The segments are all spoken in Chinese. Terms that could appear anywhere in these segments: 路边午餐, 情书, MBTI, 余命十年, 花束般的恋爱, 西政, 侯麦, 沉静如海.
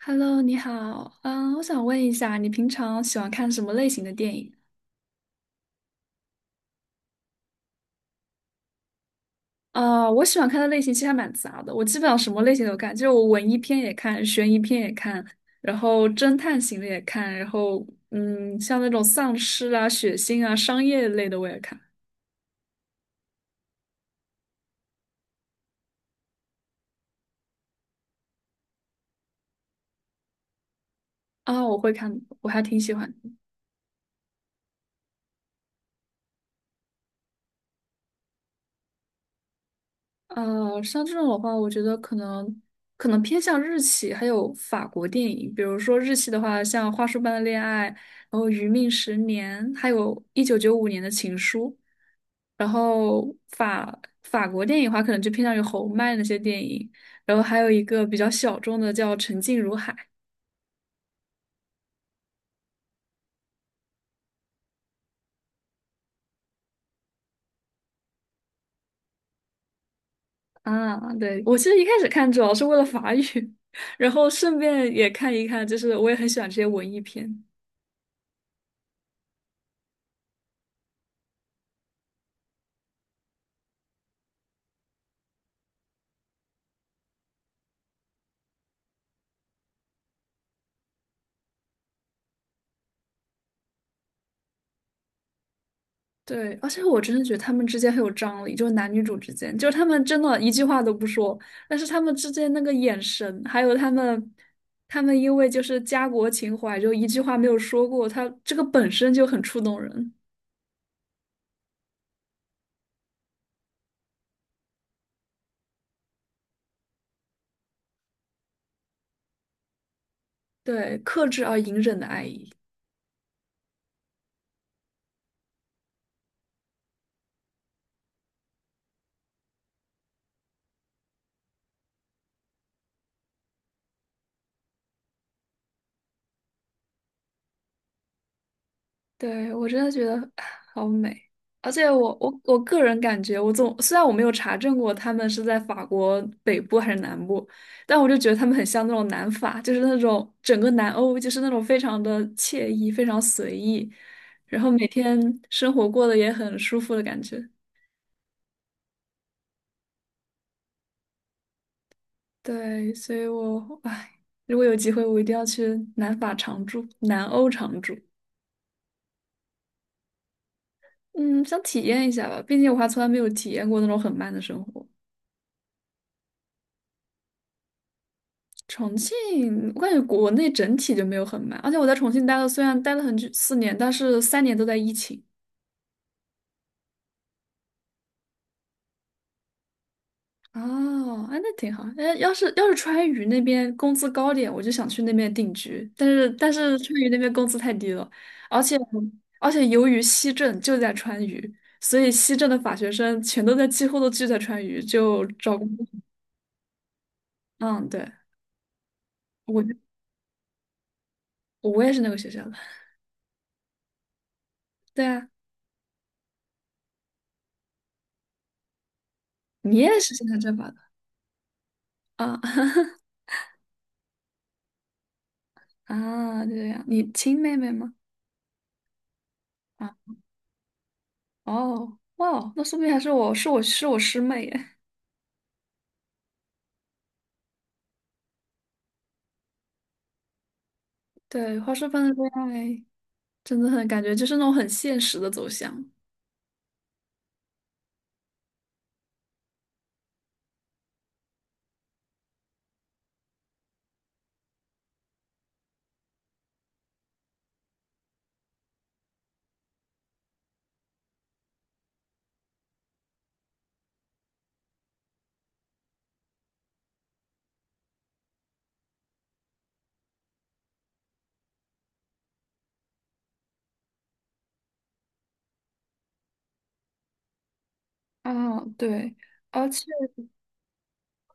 Hello，你好，我想问一下，你平常喜欢看什么类型的电影？啊，我喜欢看的类型其实还蛮杂的，我基本上什么类型都看，就是我文艺片也看，悬疑片也看，然后侦探型的也看，然后像那种丧尸啊、血腥啊、商业类的我也看。啊，我会看，我还挺喜欢。像这种的话，我觉得可能偏向日系，还有法国电影，比如说日系的话，像《花束般的恋爱》，然后《余命十年》，还有一九九五年的《情书》，然后法国电影的话，可能就偏向于侯麦那些电影，然后还有一个比较小众的叫《沉静如海》。啊，对，我其实一开始看主要是为了法语，然后顺便也看一看，就是我也很喜欢这些文艺片。对，而且我真的觉得他们之间很有张力，就是男女主之间，就是他们真的一句话都不说，但是他们之间那个眼神，还有他们因为就是家国情怀，就一句话没有说过，他这个本身就很触动人。对，克制而隐忍的爱意。对，我真的觉得啊好美，而且我个人感觉，虽然我没有查证过他们是在法国北部还是南部，但我就觉得他们很像那种南法，就是那种整个南欧就是那种非常的惬意、非常随意，然后每天生活过得也很舒服的感觉。对，所以我唉，如果有机会，我一定要去南法常住、南欧常住。嗯，想体验一下吧，毕竟我还从来没有体验过那种很慢的生活。重庆，我感觉国内整体就没有很慢，而且我在重庆待了，虽然待了很久四年，但是三年都在疫情。哦，哎那挺好。哎，要是要是川渝那边工资高点，我就想去那边定居。但是川渝那边工资太低了，而且由于西政就在川渝，所以西政的法学生全都在几乎都聚在川渝，就找工作。嗯，对，我就我也是那个学校的。对啊，你也是现在政法的啊。 啊，这样，你亲妹妹吗？啊。哦，哇，那说不定还是我师妹耶。对，花束般的恋爱真的很感觉就是那种很现实的走向。啊，对。而且。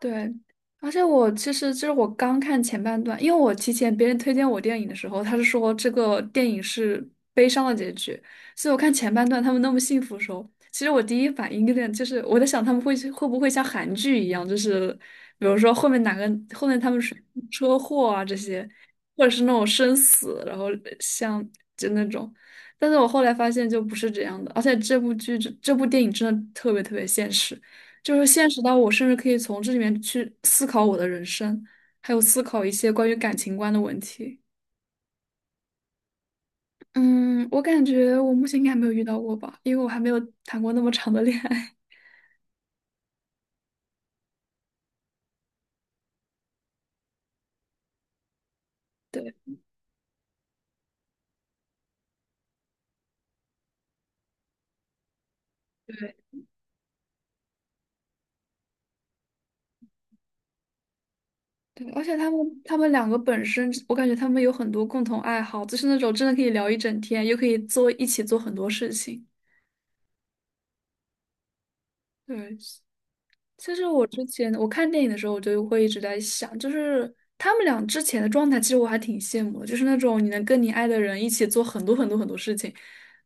对，而且我其实就是我刚看前半段，因为我提前别人推荐我电影的时候，他是说这个电影是悲伤的结局，所以我看前半段他们那么幸福的时候，其实我第一反应有点就是我在想他们会不会像韩剧一样，就是比如说后面哪个后面他们是车祸啊这些，或者是那种生死，然后像就那种，但是我后来发现就不是这样的，而且这部电影真的特别特别现实。就是现实到我甚至可以从这里面去思考我的人生，还有思考一些关于感情观的问题。嗯，我感觉我目前应该还没有遇到过吧，因为我还没有谈过那么长的恋爱。对对对，而且他们两个本身，我感觉他们有很多共同爱好，就是那种真的可以聊一整天，又可以一起做很多事情。对，其实我之前我看电影的时候，我就会一直在想，就是他们俩之前的状态，其实我还挺羡慕的，就是那种你能跟你爱的人一起做很多很多很多事情，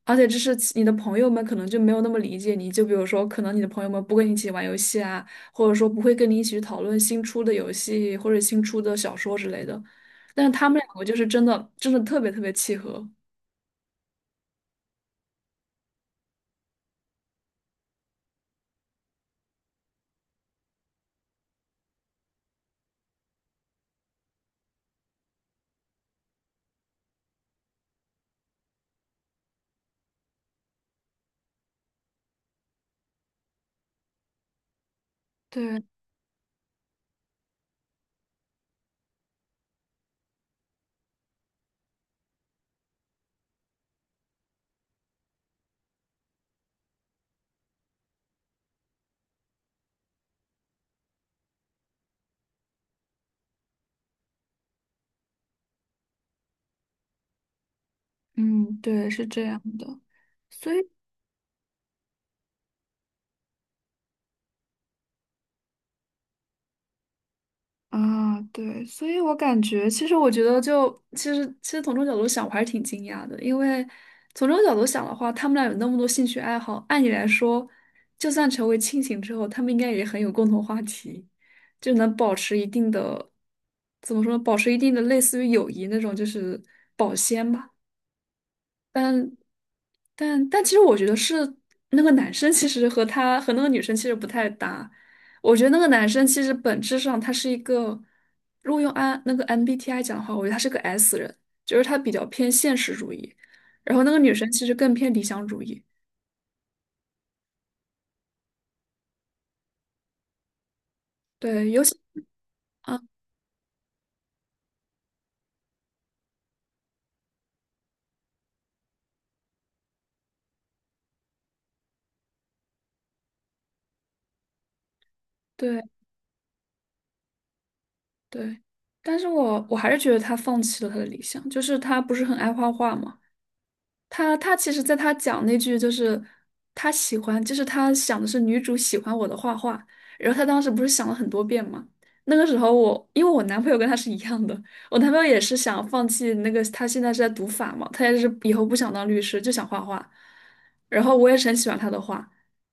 而且就是你的朋友们可能就没有那么理解你，就比如说可能你的朋友们不跟你一起玩游戏啊，或者说不会跟你一起去讨论新出的游戏或者新出的小说之类的，但是他们两个就是真的真的特别特别契合。对，嗯，对，是这样的。所以。啊，对，所以我感觉，其实我觉得就，其实从这个角度想，我还是挺惊讶的，因为从这个角度想的话，他们俩有那么多兴趣爱好，按理来说，就算成为亲情之后，他们应该也很有共同话题，就能保持一定的，怎么说呢，保持一定的类似于友谊那种，就是保鲜吧。但。但其实我觉得是那个男生其实和他和那个女生其实不太搭。我觉得那个男生其实本质上他是一个，如果用 I 那个 MBTI 讲的话，我觉得他是个 S 人，就是他比较偏现实主义，然后那个女生其实更偏理想主义。对，尤其啊，对对，但是我还是觉得他放弃了他的理想，就是他不是很爱画画嘛。他其实，在他讲那句就是他喜欢，就是他想的是女主喜欢我的画画，然后他当时不是想了很多遍嘛。那个时候我，因为我男朋友跟他是一样的，我男朋友也是想放弃那个，他现在是在读法嘛，他也是以后不想当律师，就想画画。然后我也是很喜欢他的画，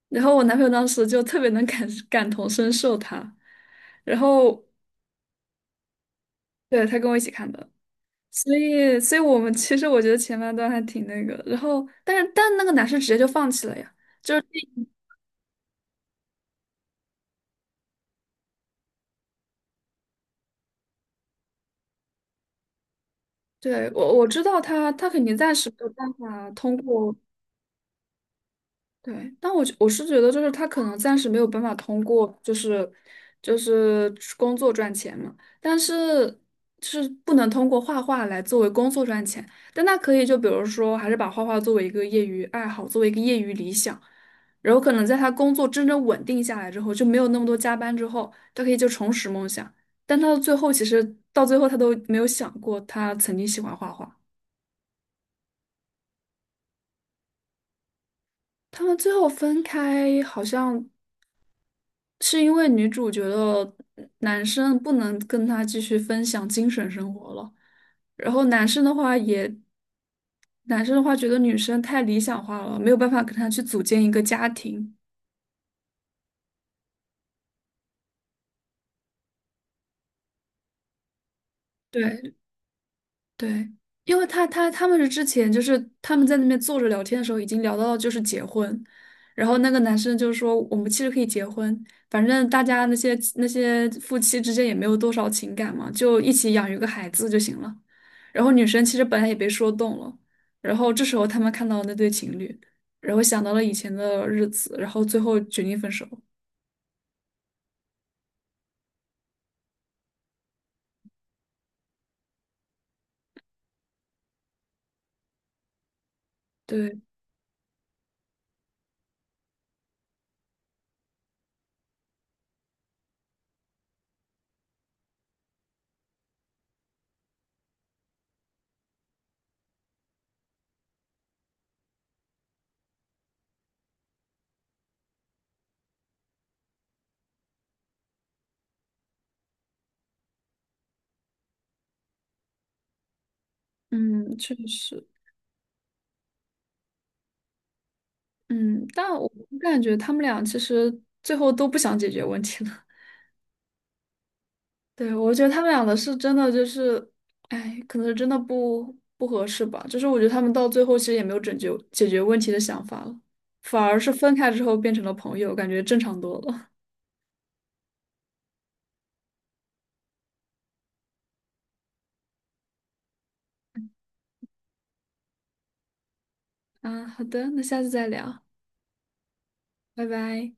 然后我男朋友当时就特别能感同身受他，然后对他跟我一起看的。所以，所以我们其实我觉得前半段还挺那个，然后，但是但那个男生直接就放弃了呀。对，我知道他，他肯定暂时没有办法通过。对，但我是觉得，就是他可能暂时没有办法通过，就是工作赚钱嘛，但是是不能通过画画来作为工作赚钱，但他可以就比如说，还是把画画作为一个业余爱好，作为一个业余理想，然后可能在他工作真正稳定下来之后，就没有那么多加班之后，他可以就重拾梦想，但他的最后其实到最后他都没有想过他曾经喜欢画画。他们最后分开，好像是因为女主觉得男生不能跟她继续分享精神生活了，然后男生的话也，男生的话觉得女生太理想化了，没有办法跟她去组建一个家庭。对，对，因为他们是之前就是他们在那边坐着聊天的时候，已经聊到就是结婚，然后那个男生就说我们其实可以结婚，反正大家那些夫妻之间也没有多少情感嘛，就一起养育个孩子就行了。然后女生其实本来也被说动了，然后这时候他们看到那对情侣，然后想到了以前的日子，然后最后决定分手。对，嗯，确实，嗯，但我感觉他们俩其实最后都不想解决问题了。对，我觉得他们俩的是真的就是，哎，可能是真的不合适吧。就是我觉得他们到最后其实也没有拯救解决问题的想法了，反而是分开之后变成了朋友，感觉正常多了。啊，好的，那下次再聊，拜拜。